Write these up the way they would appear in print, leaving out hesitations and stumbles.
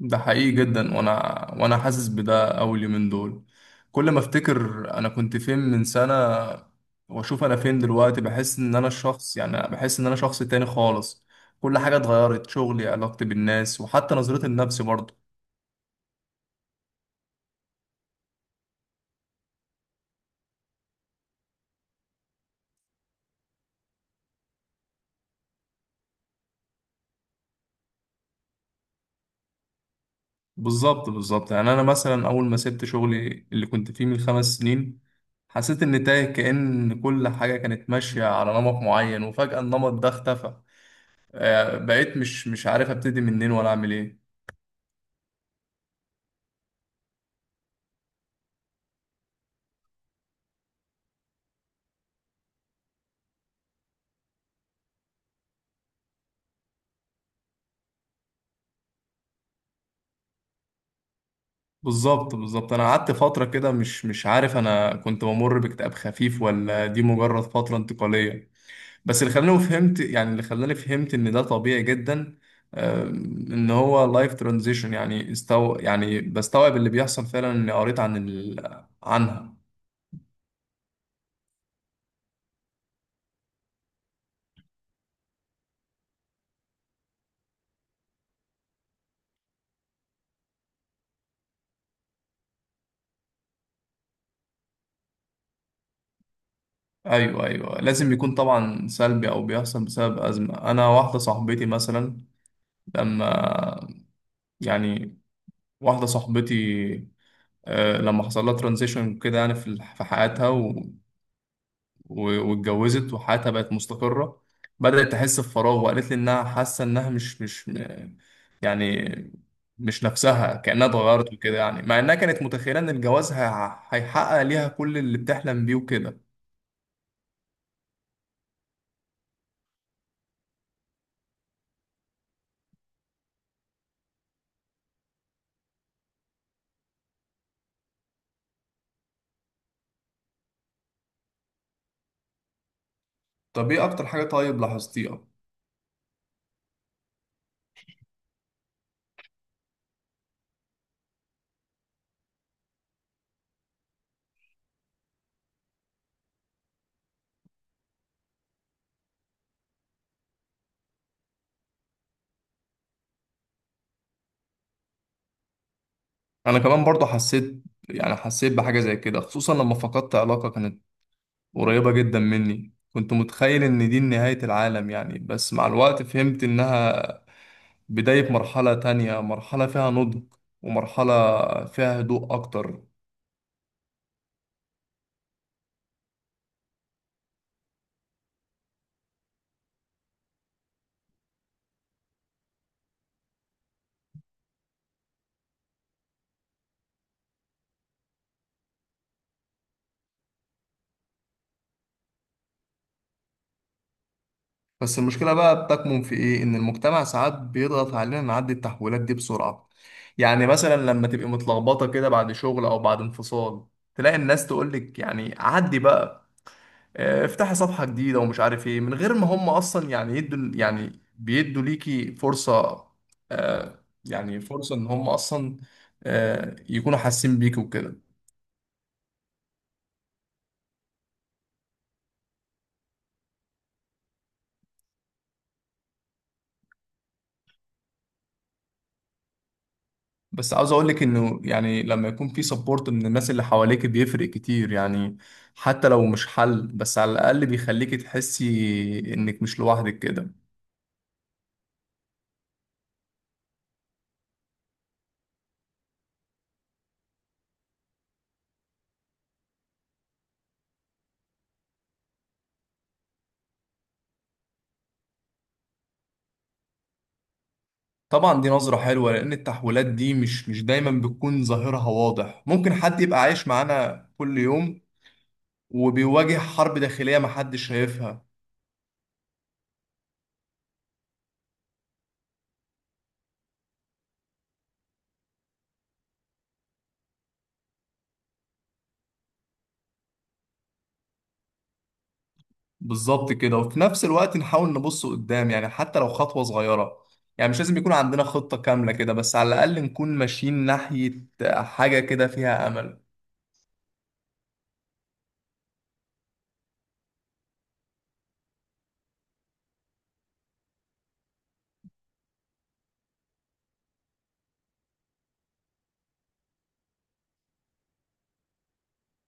ده حقيقي جدا، وانا حاسس بده اول يومين دول. كل ما افتكر انا كنت فين من سنة، واشوف انا فين دلوقتي، بحس ان انا شخص تاني خالص. كل حاجة اتغيرت، شغلي، علاقتي بالناس، وحتى نظرتي لنفسي برضه. بالظبط، يعني انا مثلا اول ما سبت شغلي اللي كنت فيه من 5 سنين، حسيت اني تايه، كأن كل حاجة كانت ماشية على نمط معين وفجأة النمط ده اختفى. بقيت مش عارف ابتدي منين ولا اعمل ايه. بالظبط، انا قعدت فتره كده مش عارف، انا كنت بمر باكتئاب خفيف ولا دي مجرد فتره انتقاليه. بس اللي خلاني فهمت ان ده طبيعي جدا، ان هو لايف ترانزيشن، يعني استو يعني بستوعب اللي بيحصل، فعلا اني قريت عن عنها. ايوه، ايوه، لازم يكون طبعا سلبي او بيحصل بسبب ازمه. انا واحده صاحبتي مثلا، لما، يعني، واحده صاحبتي، لما حصل لها ترانزيشن كده، يعني في حياتها، واتجوزت، وحياتها بقت مستقرة، بدأت تحس بفراغ، وقالت لي إنها حاسة إنها مش مش م- يعني مش نفسها، كأنها اتغيرت وكده، يعني مع إنها كانت متخيلة إن الجواز هيحقق ليها كل اللي بتحلم بيه وكده. طب إيه أكتر حاجة طيب لاحظتيها؟ أنا كمان برضه حسيت، يعني بحاجة زي كده، خصوصا لما فقدت علاقة كانت قريبة جدا مني، كنت متخيل إن دي نهاية العالم، يعني بس مع الوقت فهمت إنها بداية مرحلة تانية، مرحلة فيها نضج، ومرحلة فيها هدوء أكتر. بس المشكلة بقى بتكمن في إيه؟ إن المجتمع ساعات بيضغط علينا نعدي التحولات دي بسرعة، يعني مثلا لما تبقي متلخبطة كده بعد شغل أو بعد انفصال، تلاقي الناس تقولك يعني عدي بقى، افتحي صفحة جديدة، ومش عارف إيه، من غير ما هم أصلا يعني يدوا، يعني بيدوا ليكي فرصة، آه، يعني فرصة إن هم أصلا يكونوا حاسين بيكي وكده. بس عاوز اقول لك انه، يعني لما يكون في سبورت من الناس اللي حواليك، بيفرق كتير، يعني حتى لو مش حل، بس على الاقل بيخليك تحسي انك مش لوحدك كده. طبعا، دي نظرة حلوة، لان التحولات دي مش دايما بتكون ظاهرها واضح، ممكن حد يبقى عايش معانا كل يوم وبيواجه حرب داخلية محدش شايفها. بالظبط كده، وفي نفس الوقت نحاول نبص قدام، يعني حتى لو خطوة صغيرة، يعني مش لازم يكون عندنا خطة كاملة كده، بس على الأقل نكون ماشيين ناحية حاجة كده فيها أمل.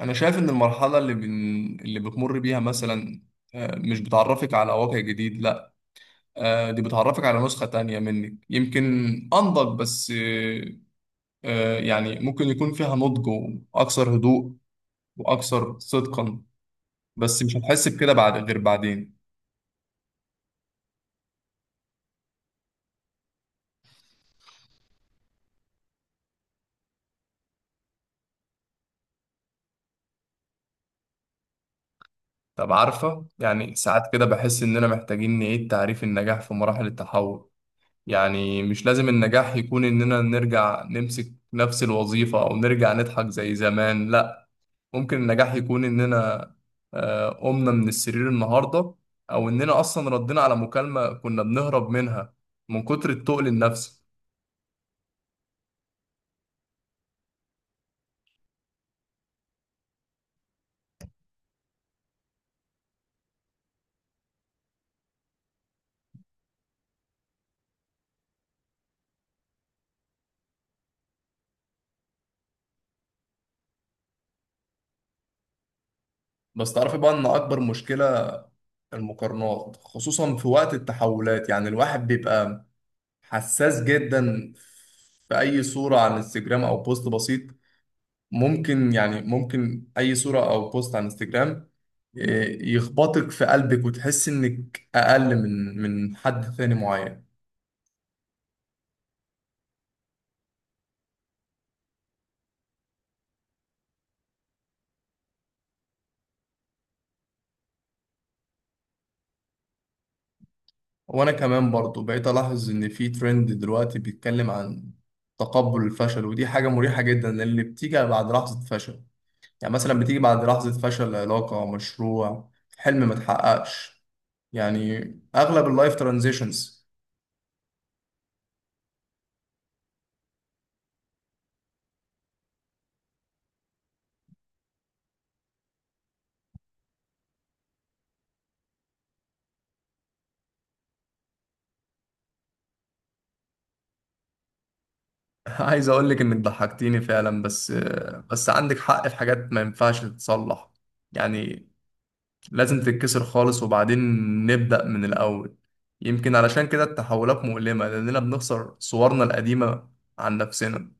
أنا شايف إن المرحلة اللي بتمر بيها مثلا، مش بتعرفك على واقع جديد، لا، دي بتعرفك على نسخة تانية منك، يمكن أنضج، بس يعني ممكن يكون فيها نضج وأكثر هدوء وأكثر صدقا، بس مش هتحس بكده بعد غير بعدين. طب عارفة، يعني ساعات كده بحس إننا محتاجين نعيد تعريف النجاح في مراحل التحول، يعني مش لازم النجاح يكون إننا نرجع نمسك نفس الوظيفة أو نرجع نضحك زي زمان، لأ، ممكن النجاح يكون إننا قمنا من السرير النهاردة، أو إننا أصلا ردينا على مكالمة كنا بنهرب منها من كتر التقل النفسي. بس تعرفي بقى إن أكبر مشكلة، المقارنات، خصوصا في وقت التحولات، يعني الواحد بيبقى حساس جدا في اي صوره على الانستجرام او بوست بسيط، ممكن، يعني ممكن اي صوره او بوست على الانستجرام، يخبطك في قلبك، وتحس انك اقل من حد ثاني معين. وانا كمان برضو بقيت الاحظ ان في ترند دلوقتي بيتكلم عن تقبل الفشل، ودي حاجة مريحة جدا اللي بتيجي بعد لحظة فشل، يعني مثلا بتيجي بعد لحظة فشل علاقة، مشروع، حلم ما اتحققش، يعني اغلب اللايف ترانزيشنز. عايز اقول لك انك ضحكتيني فعلا، بس عندك حق، في حاجات ما ينفعش تتصلح، يعني لازم تتكسر خالص وبعدين نبدأ من الاول، يمكن علشان كده التحولات مؤلمة، لاننا بنخسر صورنا القديمة عن نفسنا.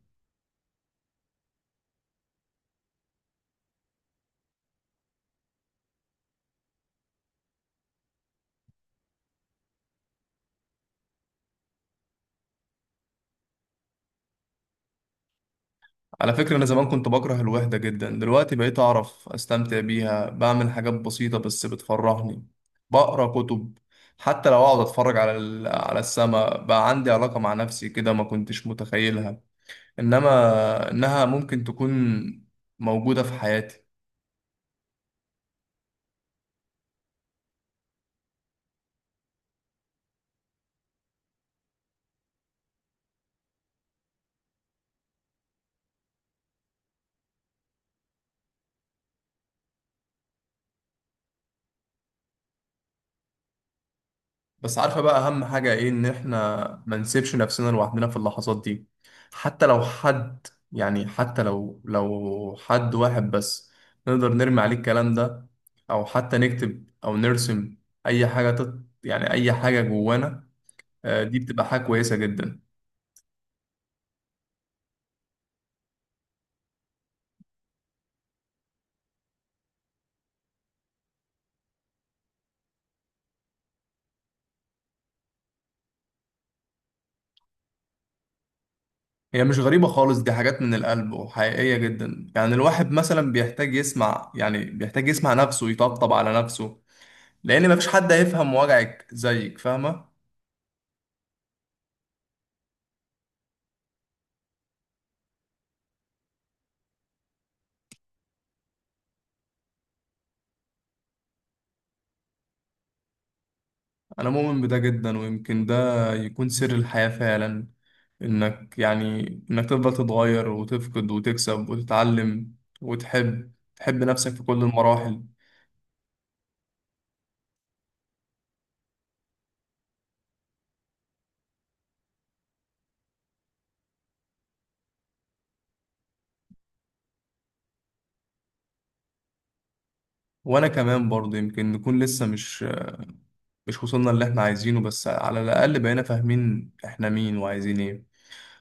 على فكرة، انا زمان كنت بكره الوحدة جدا، دلوقتي بقيت اعرف استمتع بيها، بعمل حاجات بسيطة بس بتفرحني، بقرا كتب، حتى لو اقعد اتفرج على على السما، بقى عندي علاقة مع نفسي كده ما كنتش متخيلها انما انها ممكن تكون موجودة في حياتي. بس عارفة بقى اهم حاجة ايه؟ ان احنا ما نسيبش نفسنا لوحدنا في اللحظات دي، حتى لو حد، يعني حتى لو حد واحد بس، نقدر نرمي عليه الكلام ده، او حتى نكتب او نرسم، اي حاجة يعني اي حاجة جوانا، دي بتبقى حاجة كويسة جدا. هي مش غريبة خالص، دي حاجات من القلب وحقيقية جدا، يعني الواحد مثلا بيحتاج يسمع، يعني بيحتاج يسمع نفسه، يطبطب على نفسه، لان مفيش حد هيفهم وجعك زيك فاهمه. انا مؤمن بده جدا، ويمكن ده يكون سر الحياه فعلا، انك، يعني انك تفضل تتغير وتفقد وتكسب وتتعلم، وتحب، تحب نفسك في كل المراحل. وانا كمان برضه، يمكن نكون لسه مش وصلنا اللي احنا عايزينه، بس على الاقل بقينا فاهمين احنا مين وعايزين ايه،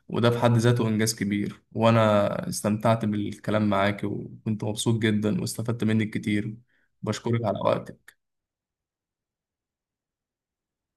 وده في حد ذاته انجاز كبير. وانا استمتعت بالكلام معاك، وكنت مبسوط جدا واستفدت منك كتير. بشكرك على وقتك.